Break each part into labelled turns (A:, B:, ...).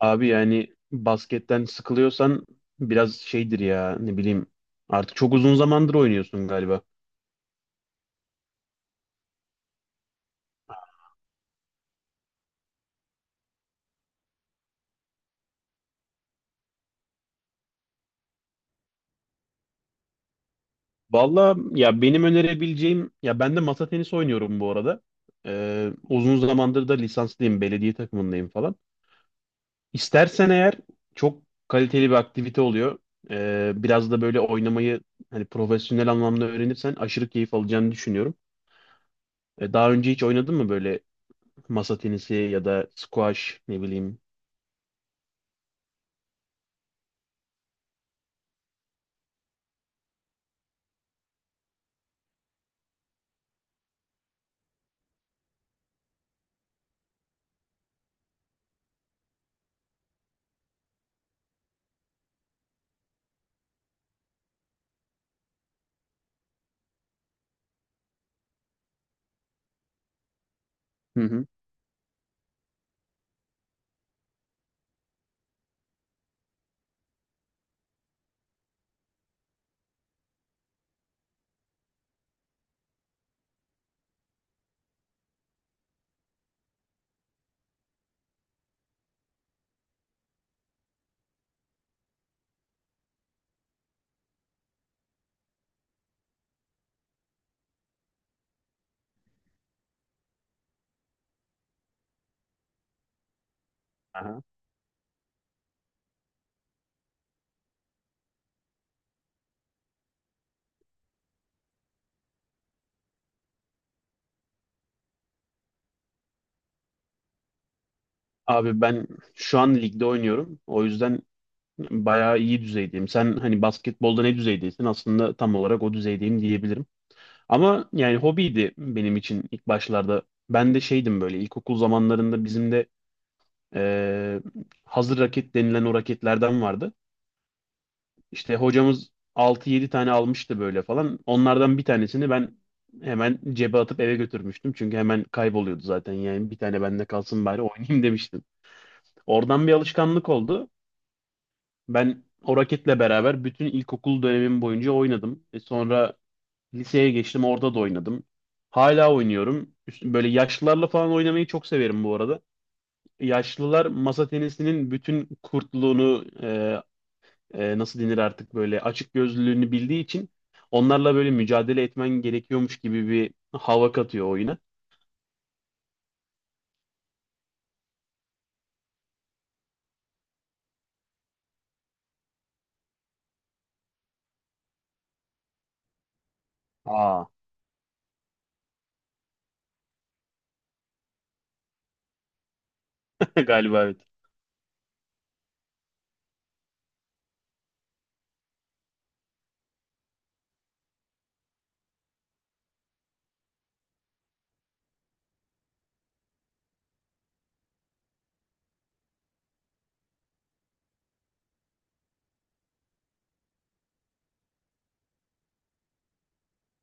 A: Abi yani basketten sıkılıyorsan biraz şeydir ya ne bileyim, artık çok uzun zamandır oynuyorsun galiba. Valla ya benim önerebileceğim, ya ben de masa tenisi oynuyorum bu arada. Uzun zamandır da lisanslıyım, belediye takımındayım falan. İstersen eğer çok kaliteli bir aktivite oluyor. Biraz da böyle oynamayı hani profesyonel anlamda öğrenirsen aşırı keyif alacağını düşünüyorum. Daha önce hiç oynadın mı böyle, masa tenisi ya da squash ne bileyim? Hı hı. Abi ben şu an ligde oynuyorum. O yüzden bayağı iyi düzeydeyim. Sen hani basketbolda ne düzeydeysin? Aslında tam olarak o düzeydeyim diyebilirim. Ama yani hobiydi benim için ilk başlarda. Ben de şeydim, böyle ilkokul zamanlarında bizim de eee, hazır raket denilen o raketlerden vardı. İşte hocamız altı yedi tane almıştı böyle falan. Onlardan bir tanesini ben hemen cebe atıp eve götürmüştüm. Çünkü hemen kayboluyordu zaten. Yani bir tane bende kalsın bari oynayayım demiştim. Oradan bir alışkanlık oldu. Ben o raketle beraber bütün ilkokul dönemim boyunca oynadım. Sonra liseye geçtim, orada da oynadım. Hala oynuyorum. Böyle yaşlılarla falan oynamayı çok severim bu arada. Yaşlılar masa tenisinin bütün kurtluğunu, nasıl denir artık, böyle açık gözlülüğünü bildiği için onlarla böyle mücadele etmen gerekiyormuş gibi bir hava katıyor oyuna. Aa. Galiba evet.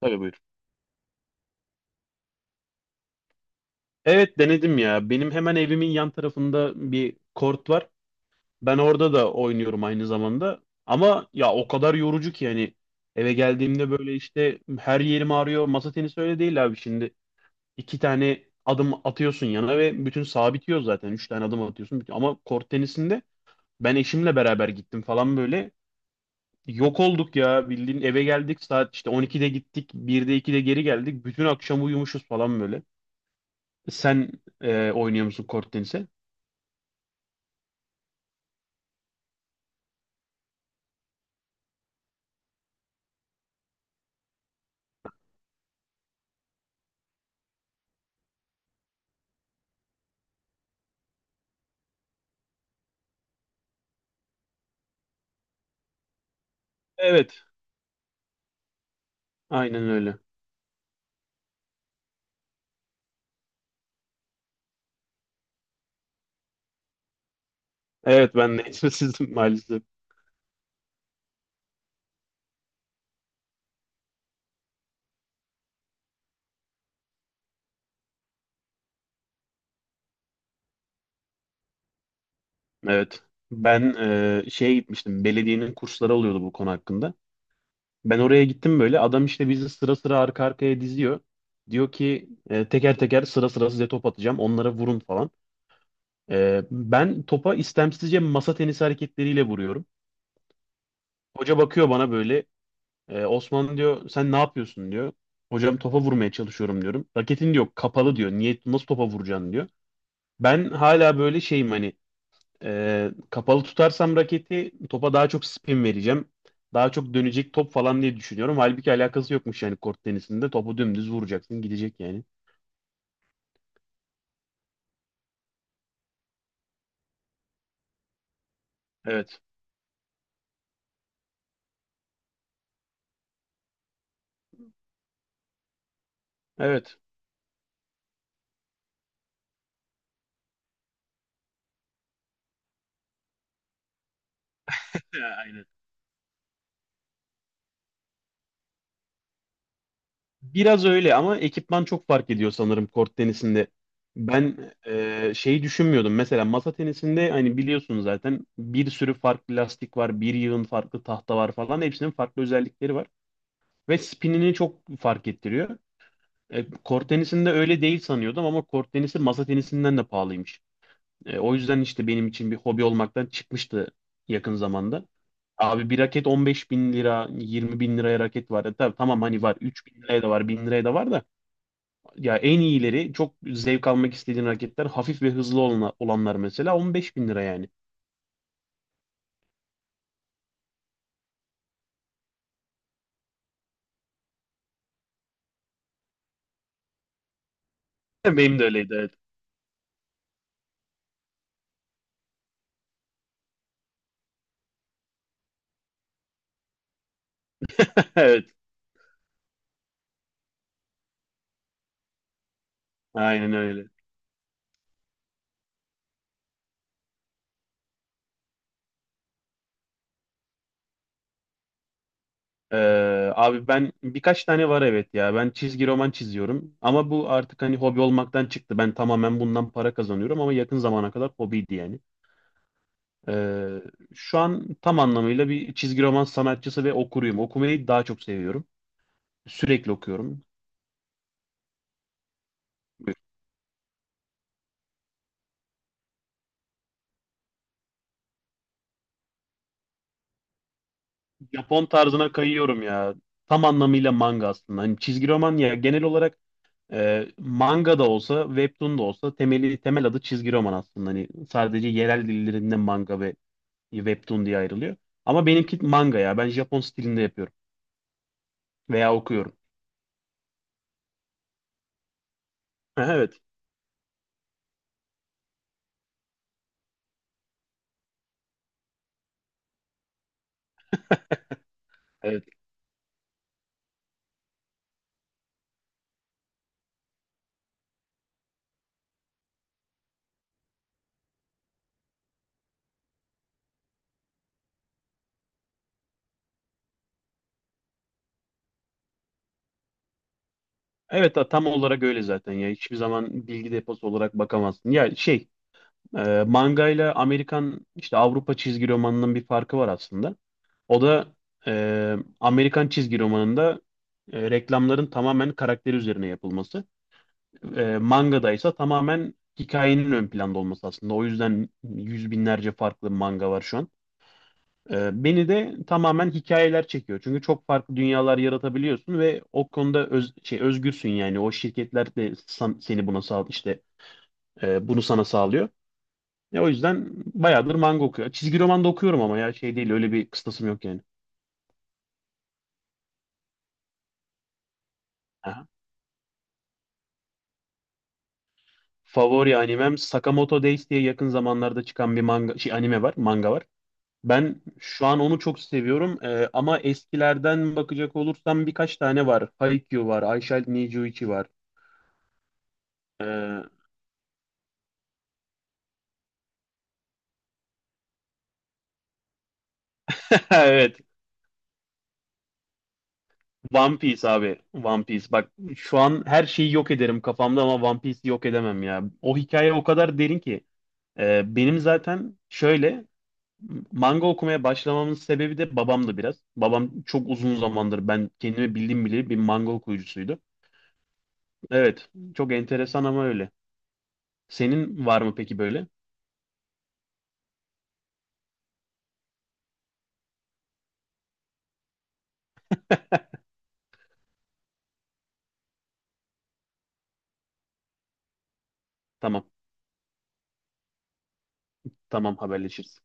A: Tabii, buyur. Evet, denedim ya. Benim hemen evimin yan tarafında bir kort var. Ben orada da oynuyorum aynı zamanda. Ama ya o kadar yorucu ki yani eve geldiğimde böyle işte her yerim ağrıyor. Masa tenisi öyle değil abi şimdi. İki tane adım atıyorsun yana ve bütün saha bitiyor zaten. Üç tane adım atıyorsun, bitiyor. Ama kort tenisinde ben eşimle beraber gittim falan böyle. Yok olduk ya, bildiğin eve geldik, saat işte 12'de gittik, 1'de 2'de geri geldik. Bütün akşam uyumuşuz falan böyle. Sen oynuyor musun kort tenisi? Evet, aynen öyle. Evet, ben de sizin maalesef. Evet. Ben şeye gitmiştim. Belediyenin kursları oluyordu bu konu hakkında. Ben oraya gittim böyle. Adam işte bizi sıra sıra, arka arkaya diziyor. Diyor ki teker teker, sıra sıra size top atacağım. Onlara vurun falan. Ben topa istemsizce masa tenisi hareketleriyle vuruyorum. Hoca bakıyor bana böyle. Osman diyor, sen ne yapıyorsun diyor. Hocam topa vurmaya çalışıyorum diyorum. Raketin diyor kapalı diyor. Niye, nasıl topa vuracaksın diyor. Ben hala böyle şeyim hani, kapalı tutarsam raketi topa daha çok spin vereceğim. Daha çok dönecek top falan diye düşünüyorum. Halbuki alakası yokmuş yani kort tenisinde. Topu dümdüz vuracaksın, gidecek yani. Evet. Evet. Ya, aynen. Biraz öyle ama ekipman çok fark ediyor sanırım kort tenisinde. Ben şey düşünmüyordum. Mesela masa tenisinde hani biliyorsun zaten bir sürü farklı lastik var, bir yığın farklı tahta var falan. Hepsinin farklı özellikleri var ve spinini çok fark ettiriyor. Kort tenisinde öyle değil sanıyordum ama kort tenisi masa tenisinden de pahalıymış. O yüzden işte benim için bir hobi olmaktan çıkmıştı yakın zamanda. Abi bir raket 15 bin lira, 20 bin liraya raket var. Tabii, tamam hani var, 3 bin liraya da var, 1000 liraya da var da. Ya en iyileri, çok zevk almak istediğin raketler, hafif ve hızlı olanlar mesela 15 bin lira yani. Benim de öyleydi, evet. Evet, aynen öyle. Abi ben, birkaç tane var evet ya. Ben çizgi roman çiziyorum. Ama bu artık hani hobi olmaktan çıktı. Ben tamamen bundan para kazanıyorum ama yakın zamana kadar hobiydi yani. Ee, şu an tam anlamıyla bir çizgi roman sanatçısı ve okuruyum. Okumayı daha çok seviyorum. Sürekli okuyorum. Japon tarzına kayıyorum ya. Tam anlamıyla manga aslında. Hani çizgi roman ya genel olarak, manga da olsa, webtoon da olsa temel adı çizgi roman aslında. Hani sadece yerel dillerinde manga ve webtoon diye ayrılıyor. Ama benimki manga ya. Ben Japon stilinde yapıyorum veya okuyorum. Evet. Evet. Evet, tam olarak öyle zaten ya. Hiçbir zaman bilgi deposu olarak bakamazsın. Ya manga ile Amerikan, işte Avrupa çizgi romanının bir farkı var aslında. O da Amerikan çizgi romanında reklamların tamamen karakteri üzerine yapılması. Mangada ise tamamen hikayenin ön planda olması aslında. O yüzden yüz binlerce farklı manga var şu an. Beni de tamamen hikayeler çekiyor. Çünkü çok farklı dünyalar yaratabiliyorsun ve o konuda öz, şey özgürsün yani. O şirketler de seni buna bunu sana sağlıyor. O yüzden bayağıdır manga okuyor. Çizgi roman da okuyorum ama ya şey değil, öyle bir kıstasım yok yani. Aha. Favori animem Sakamoto Days diye yakın zamanlarda çıkan bir manga şey anime var, manga var. Ben şu an onu çok seviyorum. Ama eskilerden bakacak olursam birkaç tane var. Haikyuu var, I Shall Ni Nijuichi var. Ee, evet. One Piece abi. One Piece. Bak şu an her şeyi yok ederim kafamda ama One Piece'i yok edemem ya. O hikaye o kadar derin ki. Benim zaten şöyle, manga okumaya başlamamın sebebi de babamdı biraz. Babam çok uzun zamandır, ben kendimi bildiğim bile, bir manga okuyucusuydu. Evet, çok enteresan ama öyle. Senin var mı peki böyle? Tamam. Tamam, haberleşiriz.